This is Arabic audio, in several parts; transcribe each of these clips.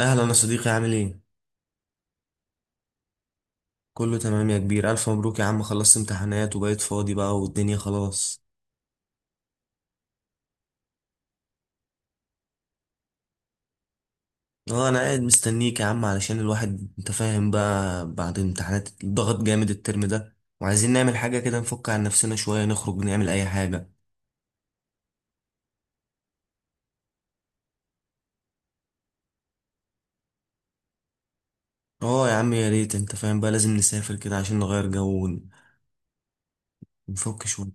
اهلا يا صديقي، عامل ايه؟ كله تمام يا كبير. الف مبروك يا عم، خلصت امتحانات وبقيت فاضي بقى والدنيا خلاص. اه انا قاعد مستنيك يا عم، علشان الواحد انت فاهم بقى، بعد امتحانات الضغط جامد الترم ده، وعايزين نعمل حاجه كده نفك عن نفسنا شويه، نخرج نعمل اي حاجه. اه يا عم يا ريت، انت فاهم بقى لازم نسافر كده عشان نغير جو، ونفك شويه.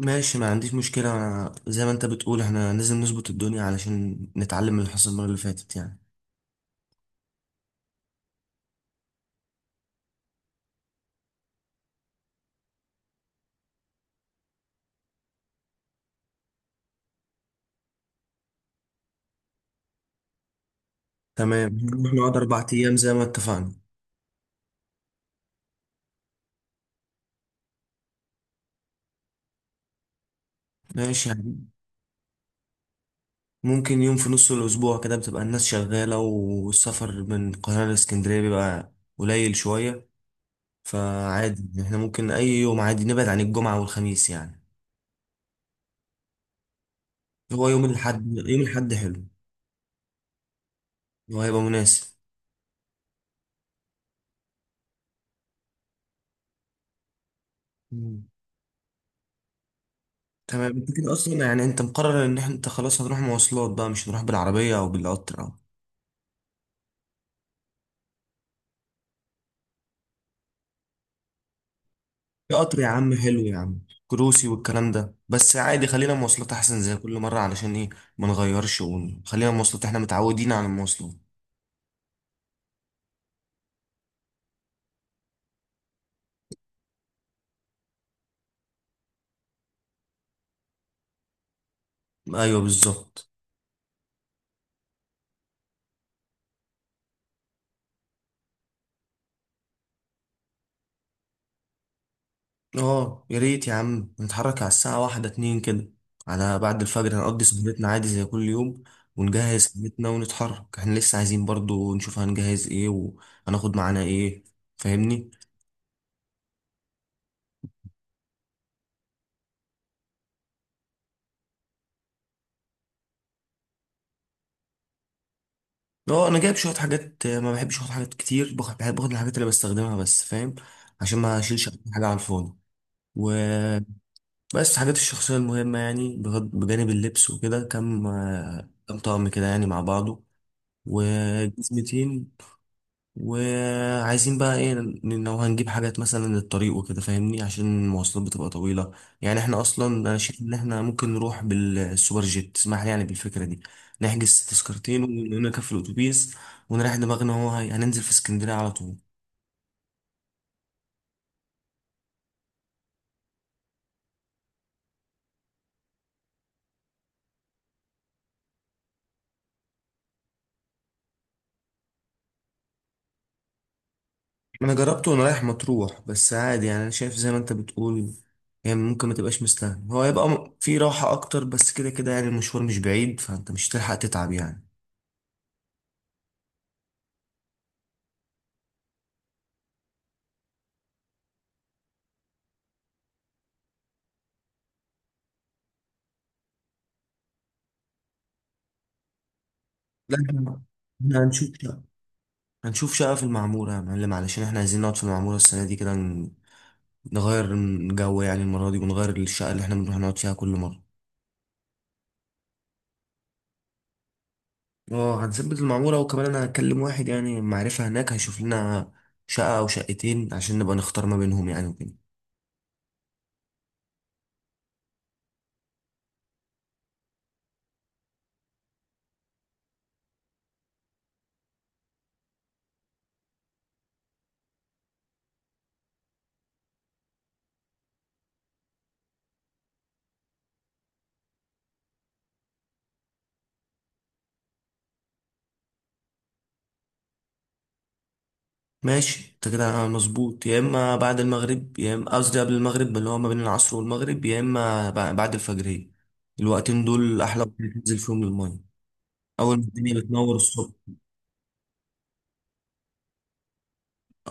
ماشي، ما عنديش مشكله، أنا زي ما انت بتقول احنا لازم نظبط الدنيا علشان نتعلم من اللي حصل المره اللي فاتت يعني. تمام، نروح نقعد 4 ايام زي ما اتفقنا. ماشي. ممكن يوم في نص الأسبوع، كده بتبقى الناس شغالة والسفر من القاهرة لإسكندرية بيبقى قليل شوية، فعادي احنا ممكن أي يوم عادي، نبعد عن الجمعة والخميس يعني. هو يوم الأحد، يوم الأحد حلو. هو هيبقى مناسب. مم. تمام. انت كده أصلا يعني، انت مقرر إن احنا، انت خلاص هنروح مواصلات بقى، مش هنروح بالعربية أو بالقطر أو، في قطر يا عم حلو يا عم، كروسي والكلام ده، بس عادي خلينا مواصلات أحسن زي كل مرة، علشان إيه ما نغيرش، ونخلينا مواصلات، احنا متعودين على المواصلات. أيوه بالظبط. اه يا ريت يا عم نتحرك على الساعة واحدة اتنين كده، على بعد الفجر، هنقضي سهرتنا عادي زي كل يوم، ونجهز خدمتنا ونتحرك. احنا لسه عايزين برضو نشوف هنجهز ايه وهناخد معانا ايه، فاهمني. اه انا جايب شوية حاجات، ما بحبش اخد حاجات كتير، باخد، بحب اخد الحاجات اللي بستخدمها بس فاهم، عشان ما اشيلش حاجة على الفاضي وبس. حاجات الشخصية المهمة يعني، بجانب اللبس وكده، كم كم طقم كده يعني مع بعضه. و، وعايزين بقى ايه لو هنجيب حاجات مثلا للطريق وكده، فاهمني، عشان المواصلات بتبقى طويلة يعني. احنا اصلا انا شايف ان احنا ممكن نروح بالسوبر جيت، اسمح لي يعني بالفكرة دي، نحجز تذكرتين ونركب في الاتوبيس ونريح دماغنا. هو هننزل في اسكندرية على طول. انا جربته وانا رايح مطروح، بس عادي يعني، انا شايف زي ما انت بتقول يعني، ممكن ما تبقاش مستاهل. هو يبقى في راحة اكتر، بس كده كده يعني المشوار مش بعيد، فانت مش هتلحق تتعب يعني. لا احنا، إحنا هنشوف شقة في المعمورة يا معلم، علشان احنا عايزين نقعد في المعمورة السنة دي كده، نغير من جو يعني المرة دي، ونغير الشقة اللي احنا بنروح نقعد فيها كل مرة. اه هنثبت المعمورة. وكمان انا هكلم واحد يعني معرفة هناك، هيشوف لنا شقة او شقتين، عشان نبقى نختار ما بينهم يعني وكده. ماشي، انت كده مظبوط. يا اما بعد المغرب، يا اما قصدي قبل المغرب اللي هو ما بين العصر والمغرب، يا اما بعد الفجرية. الوقتين دول احلى وقت تنزل فيهم للمية، اول ما الدنيا بتنور الصبح.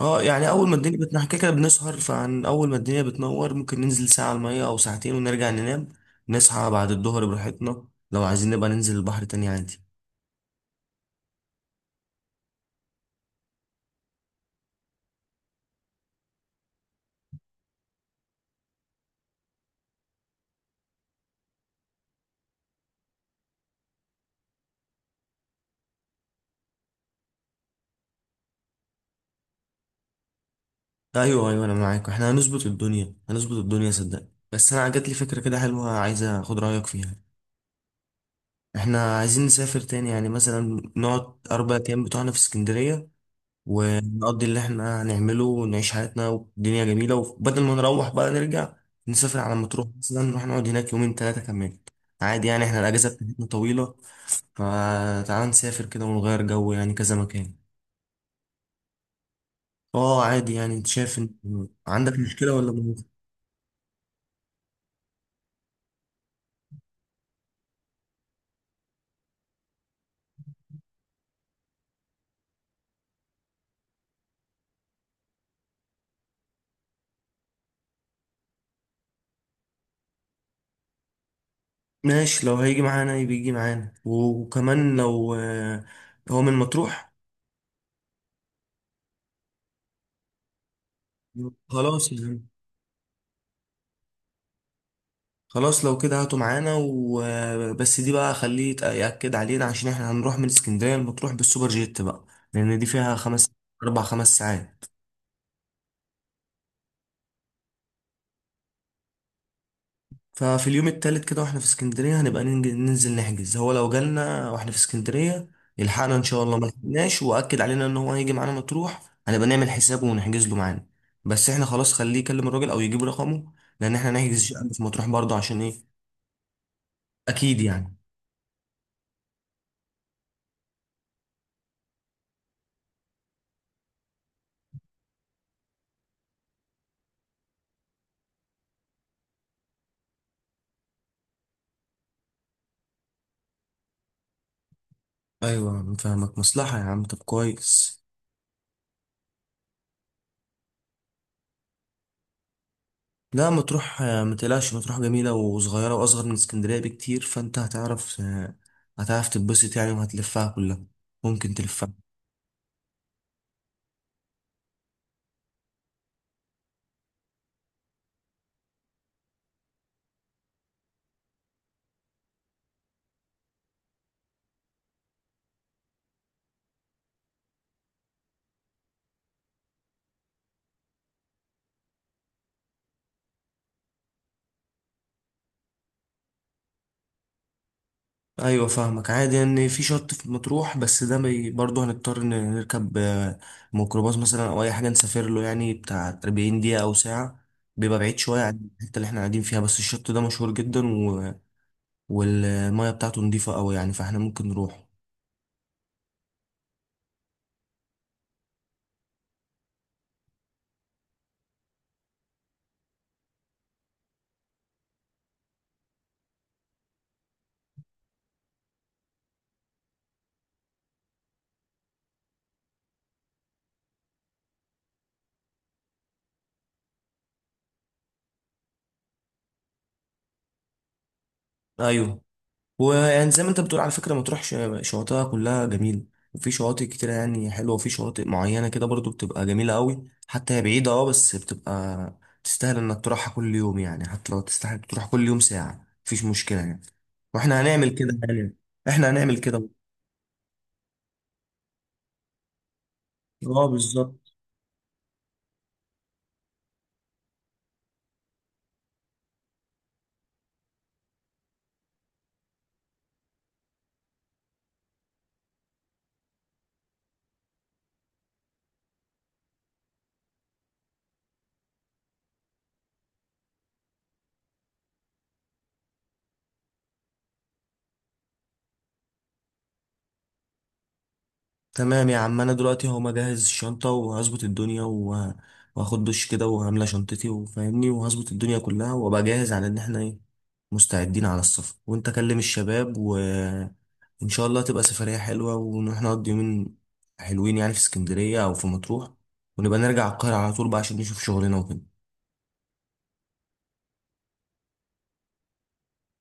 اه يعني اول ما الدنيا بتنحكي كده، كده بنسهر، فعن اول ما الدنيا بتنور ممكن ننزل ساعة على المية او ساعتين، ونرجع ننام، نصحى بعد الظهر براحتنا، لو عايزين نبقى ننزل البحر تاني عادي. ايوه ايوه، انا معاك، احنا هنظبط الدنيا هنظبط الدنيا صدقني. بس انا جات لي فكرة كده حلوة، عايز اخد رأيك فيها. احنا عايزين نسافر تاني يعني، مثلا نقعد 4 ايام بتوعنا في اسكندرية، ونقضي اللي احنا هنعمله ونعيش حياتنا والدنيا جميلة، وبدل ما نروح بقى نرجع، نسافر على مطروح مثلا، نروح نقعد هناك يومين ثلاثة كمان، عادي يعني احنا الأجازة بتاعتنا طويلة، فتعال نسافر كده ونغير جو يعني، كذا مكان. اه عادي يعني، انت شايف ان عندك مشكلة ولا موجود؟ ماشي، لو هيجي معانا يبقى يجي معانا، وكمان لو هو من مطروح. خلاص يعني. خلاص لو كده هاتوا معانا، وبس دي بقى خليه يأكد علينا، عشان احنا هنروح من اسكندرية المطروح بالسوبر جيت بقى، لأن دي فيها 5، 4، 5 ساعات ففي اليوم التالت كده واحنا في اسكندرية، هنبقى ننزل نحجز. هو لو جالنا واحنا في اسكندرية يلحقنا إن شاء الله، ما لحقناش وأكد علينا إن هو هيجي معانا مطروح، هنبقى نعمل حسابه ونحجز له معانا. بس احنا خلاص خليه يكلم الراجل أو يجيب رقمه، لأن احنا نحجز شقة في مطروح برضه، عشان إيه أكيد يعني. أيوه أنا فاهمك، مصلحة يا عم، طب كويس. لا مطروح، متقلقش، مطروح جميلة وصغيرة وأصغر من اسكندرية بكتير، فأنت هتعرف، هتعرف تتبسط يعني، وهتلفها كلها، ممكن تلفها. أيوة فاهمك، عادي إن في شط في مطروح، بس ده برضه هنضطر إن نركب، ميكروباص مثلا أو أي حاجة، نسافر له يعني بتاع 40 دقيقة أو ساعة، بيبقى بعيد شوية عن الحتة اللي احنا قاعدين فيها، بس الشط ده مشهور جدا و، والمية بتاعته نضيفة أوي يعني، فاحنا ممكن نروح. أيوة ويعني زي ما انت بتقول، على فكرة مطروح شواطئها كلها جميلة، وفي شواطئ كتيرة يعني حلوة، وفي شواطئ معينة كده برضو بتبقى جميلة قوي، حتى هي بعيدة اه بس بتبقى تستاهل انك تروحها كل يوم يعني، حتى لو تستاهل تروح كل يوم ساعة مفيش مشكلة يعني. واحنا هنعمل كده يعني، احنا هنعمل كده. اه بالظبط. تمام يا عم، انا دلوقتي هو مجهز الشنطه وهظبط الدنيا وهاخد دش كده، وهملى شنطتي وفاهمني، وهظبط الدنيا كلها، وابقى جاهز على ان احنا ايه، مستعدين على السفر. وانت كلم الشباب، وان شاء الله تبقى سفريه حلوه، ونروح نقضي يومين حلوين يعني في اسكندريه او في مطروح، ونبقى نرجع القاهره على طول بقى عشان نشوف شغلنا وكده.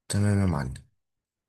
تمام يا معلم.